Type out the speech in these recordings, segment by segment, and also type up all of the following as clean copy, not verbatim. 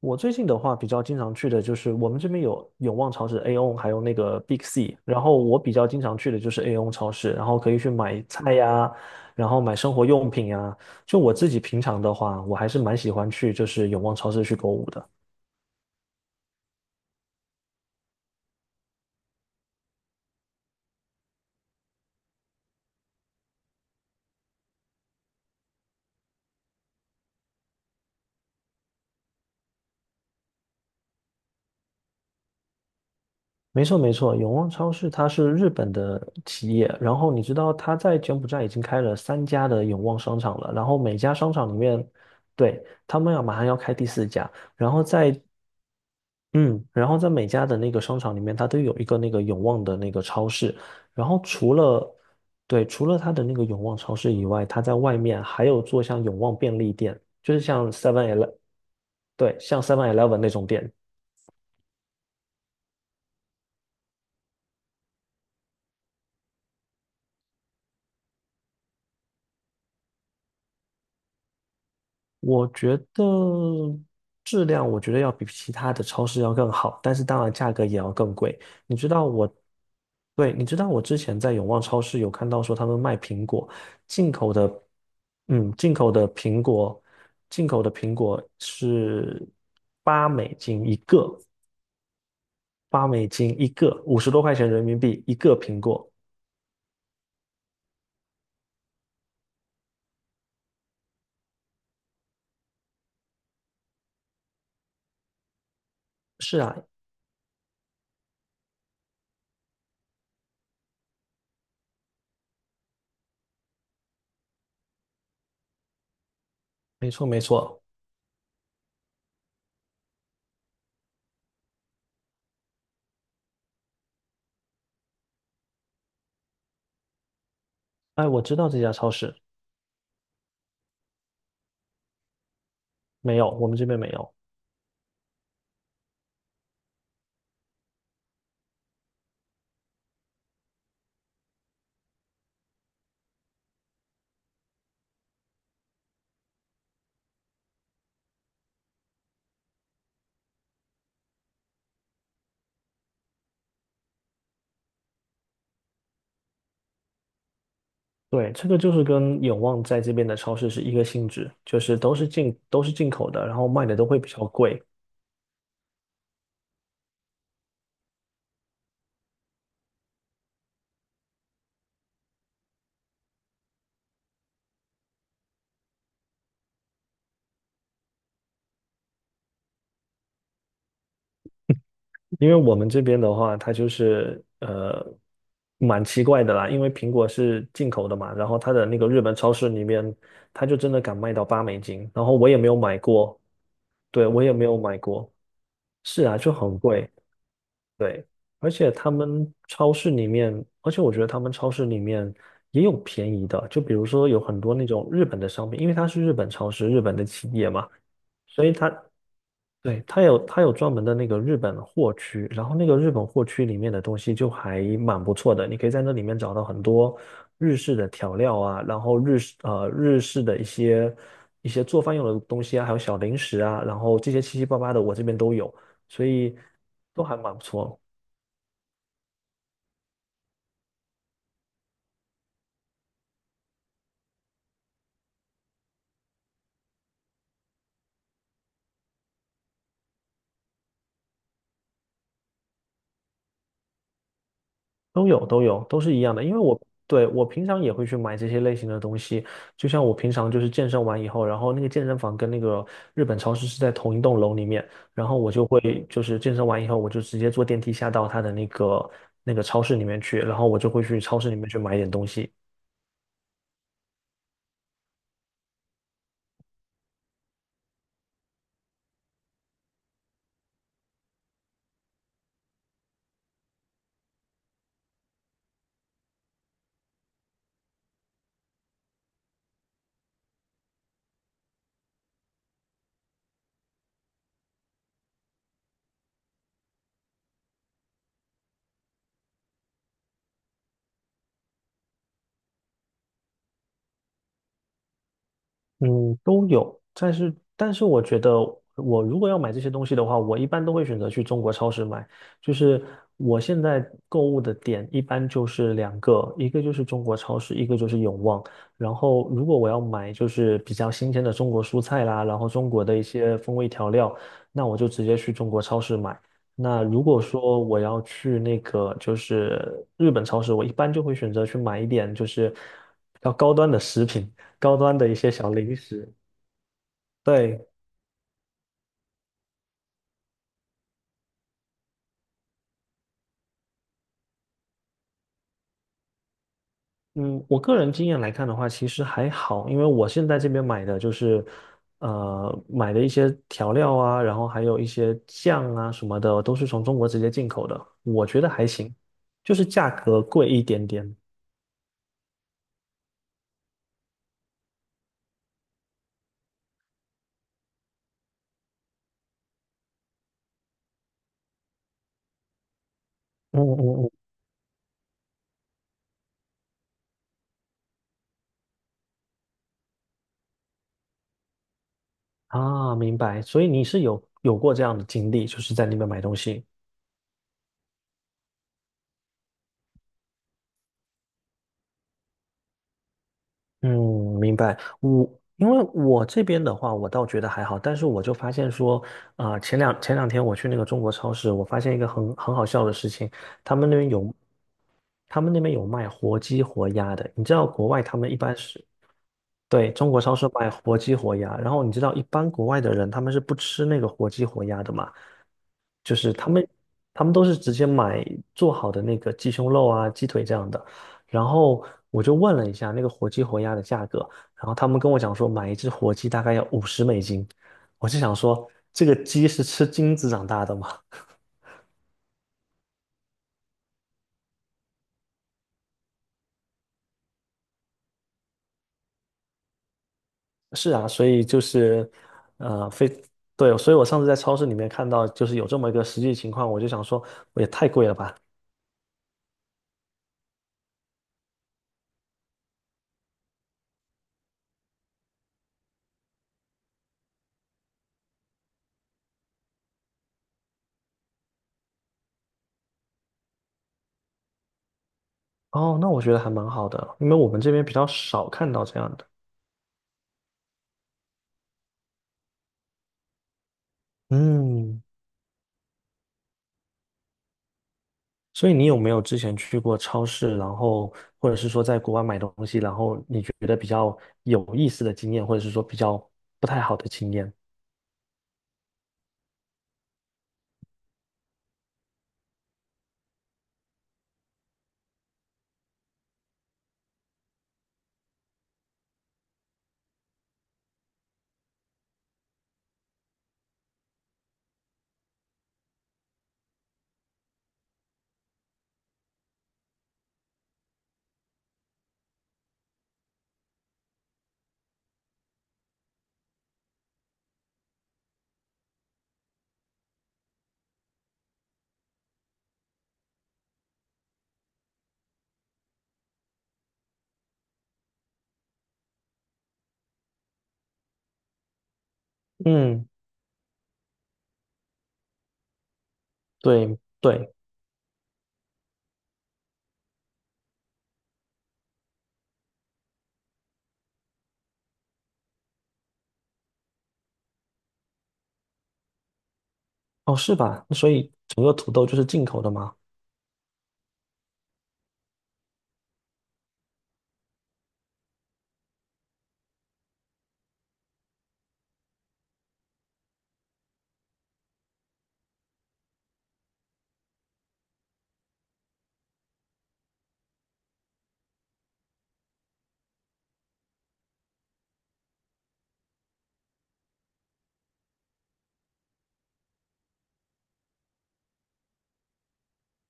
我最近的话比较经常去的就是我们这边有永旺超市 AON， 还有那个 Big C，然后我比较经常去的就是 AON 超市，然后可以去买菜呀，然后买生活用品呀。就我自己平常的话，我还是蛮喜欢去就是永旺超市去购物的。没错没错，永旺超市它是日本的企业。然后你知道它在柬埔寨已经开了3家的永旺商场了，然后每家商场里面，对，他们要马上要开第四家。然后在嗯，然后在每家的那个商场里面，它都有一个那个永旺的那个超市。然后除了，对，除了它的那个永旺超市以外，它在外面还有做像永旺便利店，就是像 Seven Eleven。对，像 Seven Eleven 那种店。我觉得质量，我觉得要比其他的超市要更好，但是当然价格也要更贵。你知道我，对，你知道我之前在永旺超市有看到说他们卖苹果，进口的，嗯，进口的苹果，进口的苹果是八美金一个，八美金一个，50多块钱人民币一个苹果。没错，没错。哎，我知道这家超市。没有，我们这边没有。对，这个就是跟永旺在这边的超市是一个性质，就是都是进口的，然后卖的都会比较贵。因为我们这边的话，它就是蛮奇怪的啦，因为苹果是进口的嘛，然后它的那个日本超市里面，它就真的敢卖到八美金，然后我也没有买过。对，我也没有买过，是啊，就很贵。对，而且他们超市里面，而且我觉得他们超市里面也有便宜的，就比如说有很多那种日本的商品，因为它是日本超市，日本的企业嘛，所以它对，它有专门的那个日本货区，然后那个日本货区里面的东西就还蛮不错的，你可以在那里面找到很多日式的调料啊，然后日式的一些做饭用的东西啊，还有小零食啊，然后这些七七八八的我这边都有，所以都还蛮不错。都有都有，都是一样的。因为我对，我平常也会去买这些类型的东西。就像我平常就是健身完以后，然后那个健身房跟那个日本超市是在同一栋楼里面，然后我就会就是健身完以后，我就直接坐电梯下到他的那个超市里面去，然后我就会去超市里面去买一点东西。嗯，都有，但是我觉得，我如果要买这些东西的话，我一般都会选择去中国超市买。就是我现在购物的点一般就是两个，一个就是中国超市，一个就是永旺。然后如果我要买就是比较新鲜的中国蔬菜啦，然后中国的一些风味调料，那我就直接去中国超市买。那如果说我要去那个就是日本超市，我一般就会选择去买一点就是比较高端的食品，高端的一些小零食。对，嗯，我个人经验来看的话，其实还好。因为我现在这边买的就是买的一些调料啊，然后还有一些酱啊什么的，都是从中国直接进口的，我觉得还行，就是价格贵一点点。嗯嗯嗯。啊，明白。所以你是有过这样的经历，就是在那边买东西。嗯，明白。因为我这边的话，我倒觉得还好，但是我就发现说，啊、前两天我去那个中国超市，我发现一个很好笑的事情。他们那边有，他们那边有卖活鸡活鸭的。你知道国外他们一般是，对，中国超市卖活鸡活鸭，然后你知道一般国外的人他们是不吃那个活鸡活鸭的嘛，就是他们都是直接买做好的那个鸡胸肉啊、鸡腿这样的。然后我就问了一下那个活鸡活鸭的价格，然后他们跟我讲说买一只活鸡大概要50美金，我就想说这个鸡是吃金子长大的吗？是啊，所以就是，呃，非，对，所以我上次在超市里面看到，就是有这么一个实际情况，我就想说，也太贵了吧。哦，那我觉得还蛮好的，因为我们这边比较少看到这样的。嗯。所以你有没有之前去过超市，然后或者是说在国外买东西，然后你觉得比较有意思的经验，或者是说比较不太好的经验？嗯，对对，哦，是吧？所以整个土豆就是进口的吗？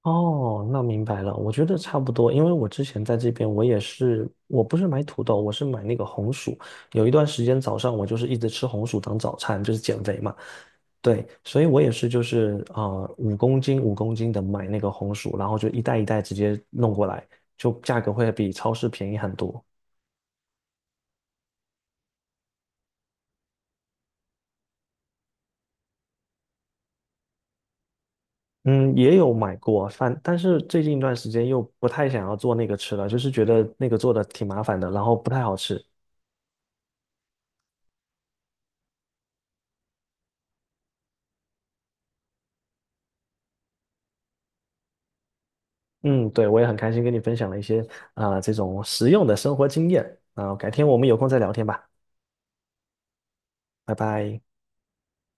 哦，那明白了。我觉得差不多，因为我之前在这边，我也是，我不是买土豆，我是买那个红薯。有一段时间早上我就是一直吃红薯当早餐，就是减肥嘛。对，所以我也是，就是五公斤五公斤的买那个红薯，然后就一袋一袋直接弄过来，就价格会比超市便宜很多。嗯，也有买过饭，但是最近一段时间又不太想要做那个吃了，就是觉得那个做的挺麻烦的，然后不太好吃。嗯，对，我也很开心跟你分享了一些啊、这种实用的生活经验啊、改天我们有空再聊天吧。拜拜。